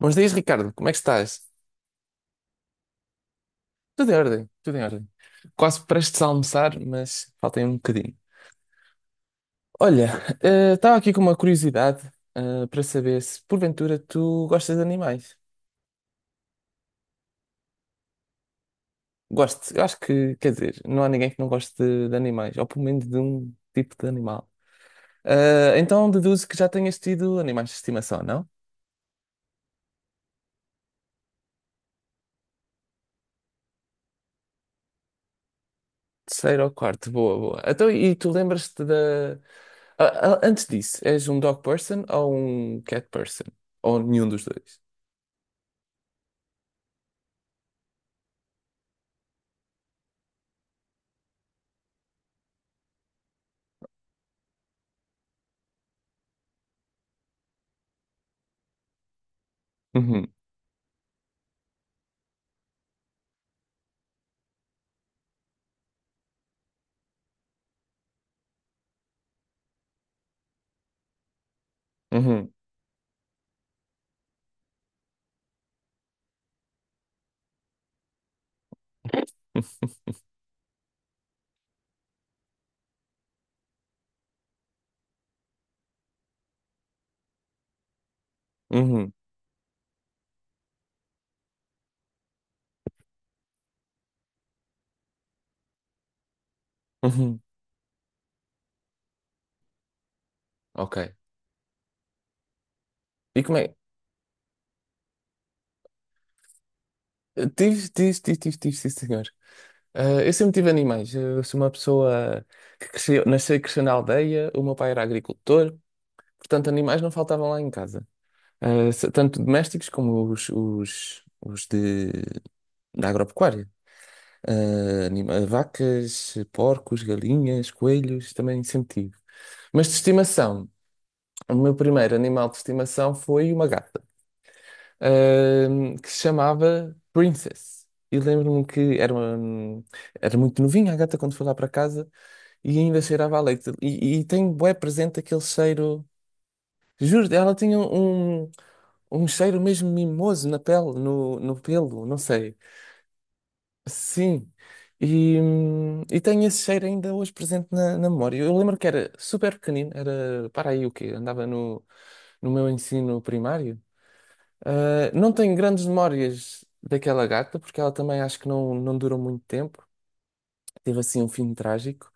Bons dias, Ricardo. Como é que estás? Tudo em ordem, tudo em ordem. Quase prestes a almoçar, mas faltem um bocadinho. Olha, estava aqui com uma curiosidade, para saber se porventura tu gostas de animais. Gosto, eu acho que, quer dizer, não há ninguém que não goste de animais, ou pelo menos de um tipo de animal. Então deduzo que já tenhas tido animais de estimação, não? Terceiro ou quarto, boa, boa. Então, e tu lembras-te da. Ah, ah, antes disso, és um dog person ou um cat person? Ou nenhum dos dois? Uhum. Uhum, uhum, uhum. Ok. E como é? Tive, tive, tive, tive, tive, sim, senhor. Ah, eu sempre tive animais. Eu sou uma pessoa que cresceu, nasceu e cresceu na aldeia. O meu pai era agricultor, portanto, animais não faltavam lá em casa. Ah, se- tanto domésticos como os de, da agropecuária. Ah, anima- vacas, porcos, galinhas, coelhos, também sempre tive. Mas de estimação, o meu primeiro animal de estimação foi uma gata. Que se chamava Princess. E lembro-me que era, uma, era muito novinha a gata quando foi lá para casa e ainda cheirava a leite. E tem bué presente aquele cheiro. Juro, ela tinha um, um cheiro mesmo mimoso na pele, no pelo, não sei. Sim. E tenho esse cheiro ainda hoje presente na memória. Eu lembro que era super pequenino, era, para aí o quê? Andava no, no meu ensino primário. Ah, não tenho grandes memórias daquela gata, porque ela também acho que não, não durou muito tempo. Teve assim um fim trágico.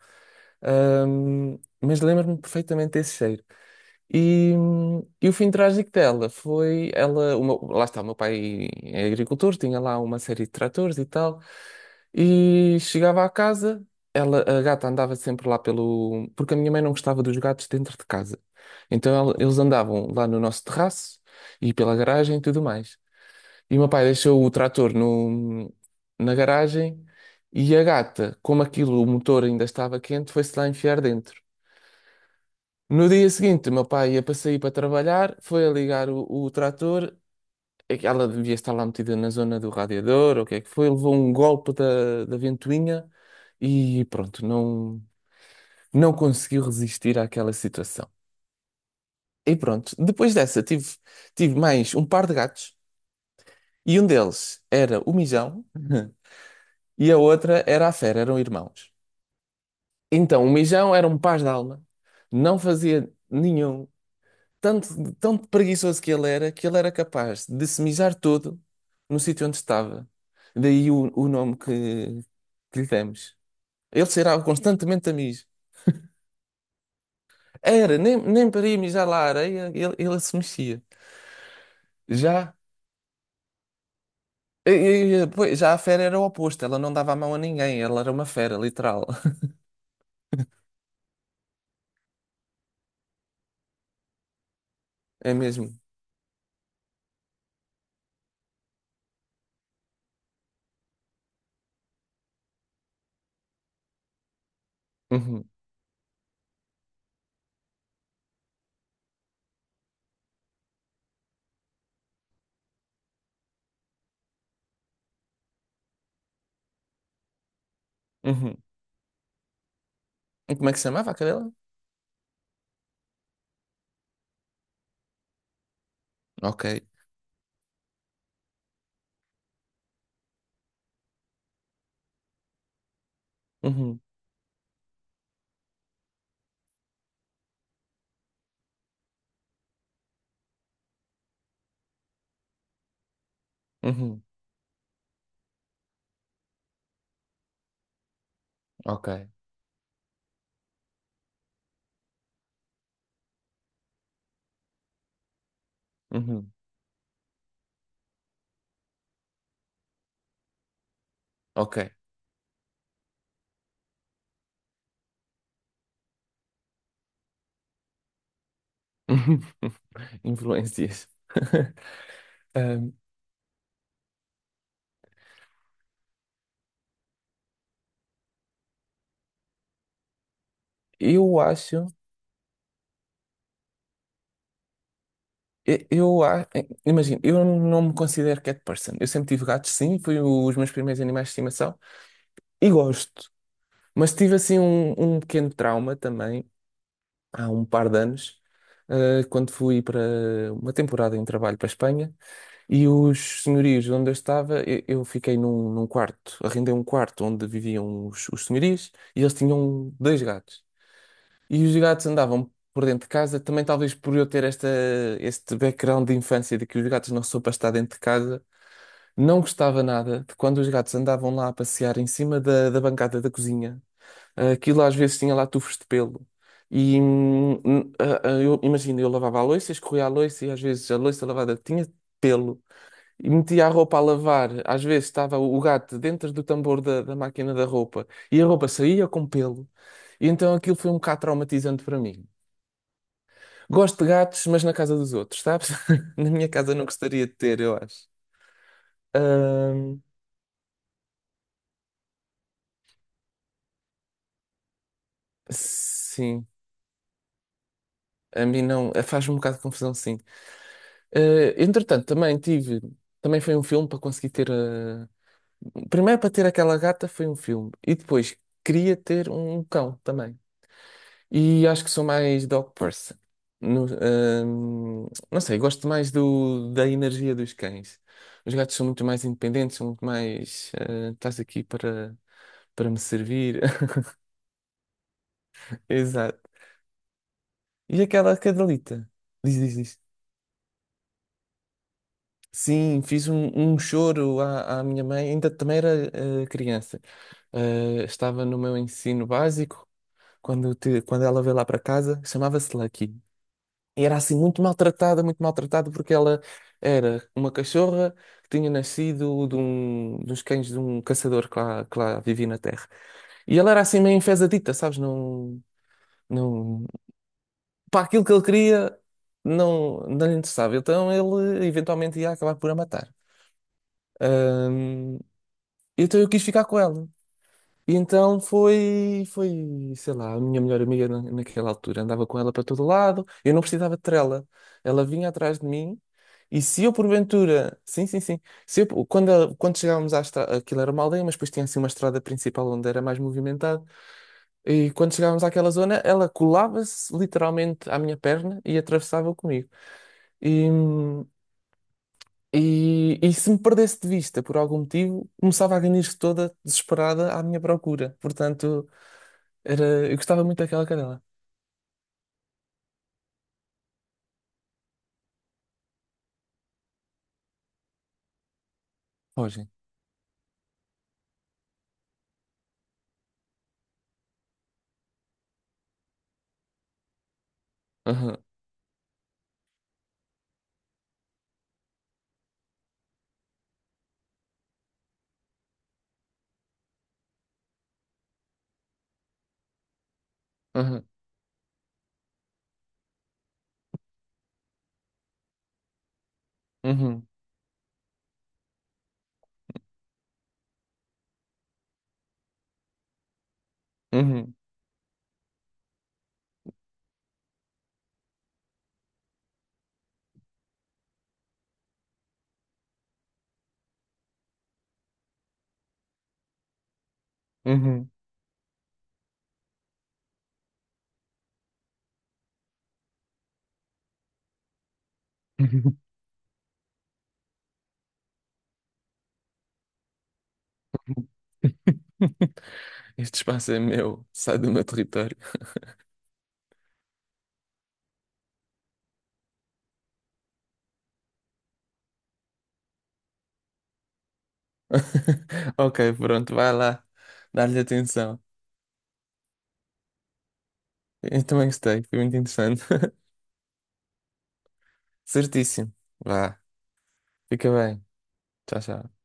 Mas lembro-me perfeitamente desse cheiro. E o fim trágico dela foi ela, o meu- lá está, o meu pai é agricultor, tinha lá uma série de tratores e tal, e chegava à casa, ela, a gata andava sempre lá pelo, porque a minha mãe não gostava dos gatos dentro de casa. Então ela- eles andavam lá no nosso terraço e pela garagem e tudo mais. E o meu pai deixou o trator no, na garagem e a gata, como aquilo, o motor ainda estava quente, foi-se lá enfiar dentro. No dia seguinte, o meu pai ia para sair para trabalhar, foi a ligar o trator, é que ela devia estar lá metida na zona do radiador, ou o que é que foi, levou um golpe da ventoinha e pronto, não, não conseguiu resistir àquela situação. E pronto, depois dessa tive, tive mais um par de gatos e um deles era o Mijão. E a outra era a Fera, eram irmãos. Então, o Mijão era um paz de alma, não fazia nenhum, tanto, tão preguiçoso que ele era capaz de se mijar todo no sítio onde estava. Daí o nome que lhe demos. Ele cheirava constantemente a mijo. Era, nem, nem para ir mijar lá à areia, ele se mexia. Já, pois, já a fera era o oposto, ela não dava a mão a ninguém, ela era uma fera, literal. É mesmo. Uhum, uhum. E como é que se chamava a cadela? Ok. Uhum, uhum, ok, uhum, ok. Influências. Um, eu acho, eu, eu a- imagino, eu não me considero cat person. Eu sempre tive gatos, sim, foi os meus primeiros animais de estimação e gosto. Mas tive assim um, um pequeno trauma também há um par de anos, quando fui para uma temporada em trabalho para a Espanha. E os senhorios onde eu estava, eu fiquei num, num quarto, arrendei um quarto onde viviam os senhorios e eles tinham dois gatos. E os gatos andavam por dentro de casa, também talvez por eu ter esta, este background de infância de que os gatos não são para estar dentro de casa, não gostava nada de quando os gatos andavam lá a passear em cima da bancada da cozinha. Aquilo às vezes tinha lá tufos de pelo. E eu imagino, eu lavava a louça, escorria a louça e às vezes a louça lavada tinha pelo e metia a roupa a lavar. Às vezes estava o gato dentro do tambor da máquina da roupa e a roupa saía com pelo. E então aquilo foi um bocado traumatizante para mim. Gosto de gatos, mas na casa dos outros, sabes? Na minha casa não gostaria de ter, eu acho. Ahm, sim, a mim não. Faz-me um bocado de confusão, sim. Ah, entretanto, também tive. Também foi um filme para conseguir ter. Primeiro, para ter aquela gata, foi um filme. E depois, queria ter um cão também. E acho que sou mais dog person. No- não sei, gosto mais do, da energia dos cães. Os gatos são muito mais independentes, são muito mais. Estás aqui para, para me servir. Exato. E aquela cadelita? Diz, diz, diz. Sim, fiz um, um choro à, à minha mãe, ainda também era criança. Eh, estava no meu ensino básico, quando, te- quando ela veio lá para casa, chamava-se Lucky. Era assim muito maltratada, porque ela era uma cachorra que tinha nascido de um, dos cães de um caçador que lá vivia na terra. E ela era assim meio enfesadita, sabes? Não, não, para aquilo que ele queria, não, não lhe interessava. Então ele eventualmente ia acabar por a matar. Ahm, então eu quis ficar com ela. E então foi, foi, sei lá, a minha melhor amiga na- naquela altura. Andava com ela para todo lado, eu não precisava de trela. Ela vinha atrás de mim e se eu porventura, sim, sim, sim, se eu, quando, ela- quando chegávamos à estrada, aquilo era uma aldeia, mas depois tinha assim uma estrada principal onde era mais movimentado. E quando chegávamos àquela zona, ela colava-se literalmente à minha perna e atravessava comigo. E, e se me perdesse de vista por algum motivo, começava a ganir-se toda desesperada à minha procura. Portanto. Era, eu gostava muito daquela cadela. Fogem. Aham, aham, uhum, uhum, uhum. Este espaço é meu, sai do meu território. Ok, pronto, vai lá, dá-lhe atenção. Eu também gostei, foi muito interessante. Certíssimo. Vá, fica bem. Tchau, tchau.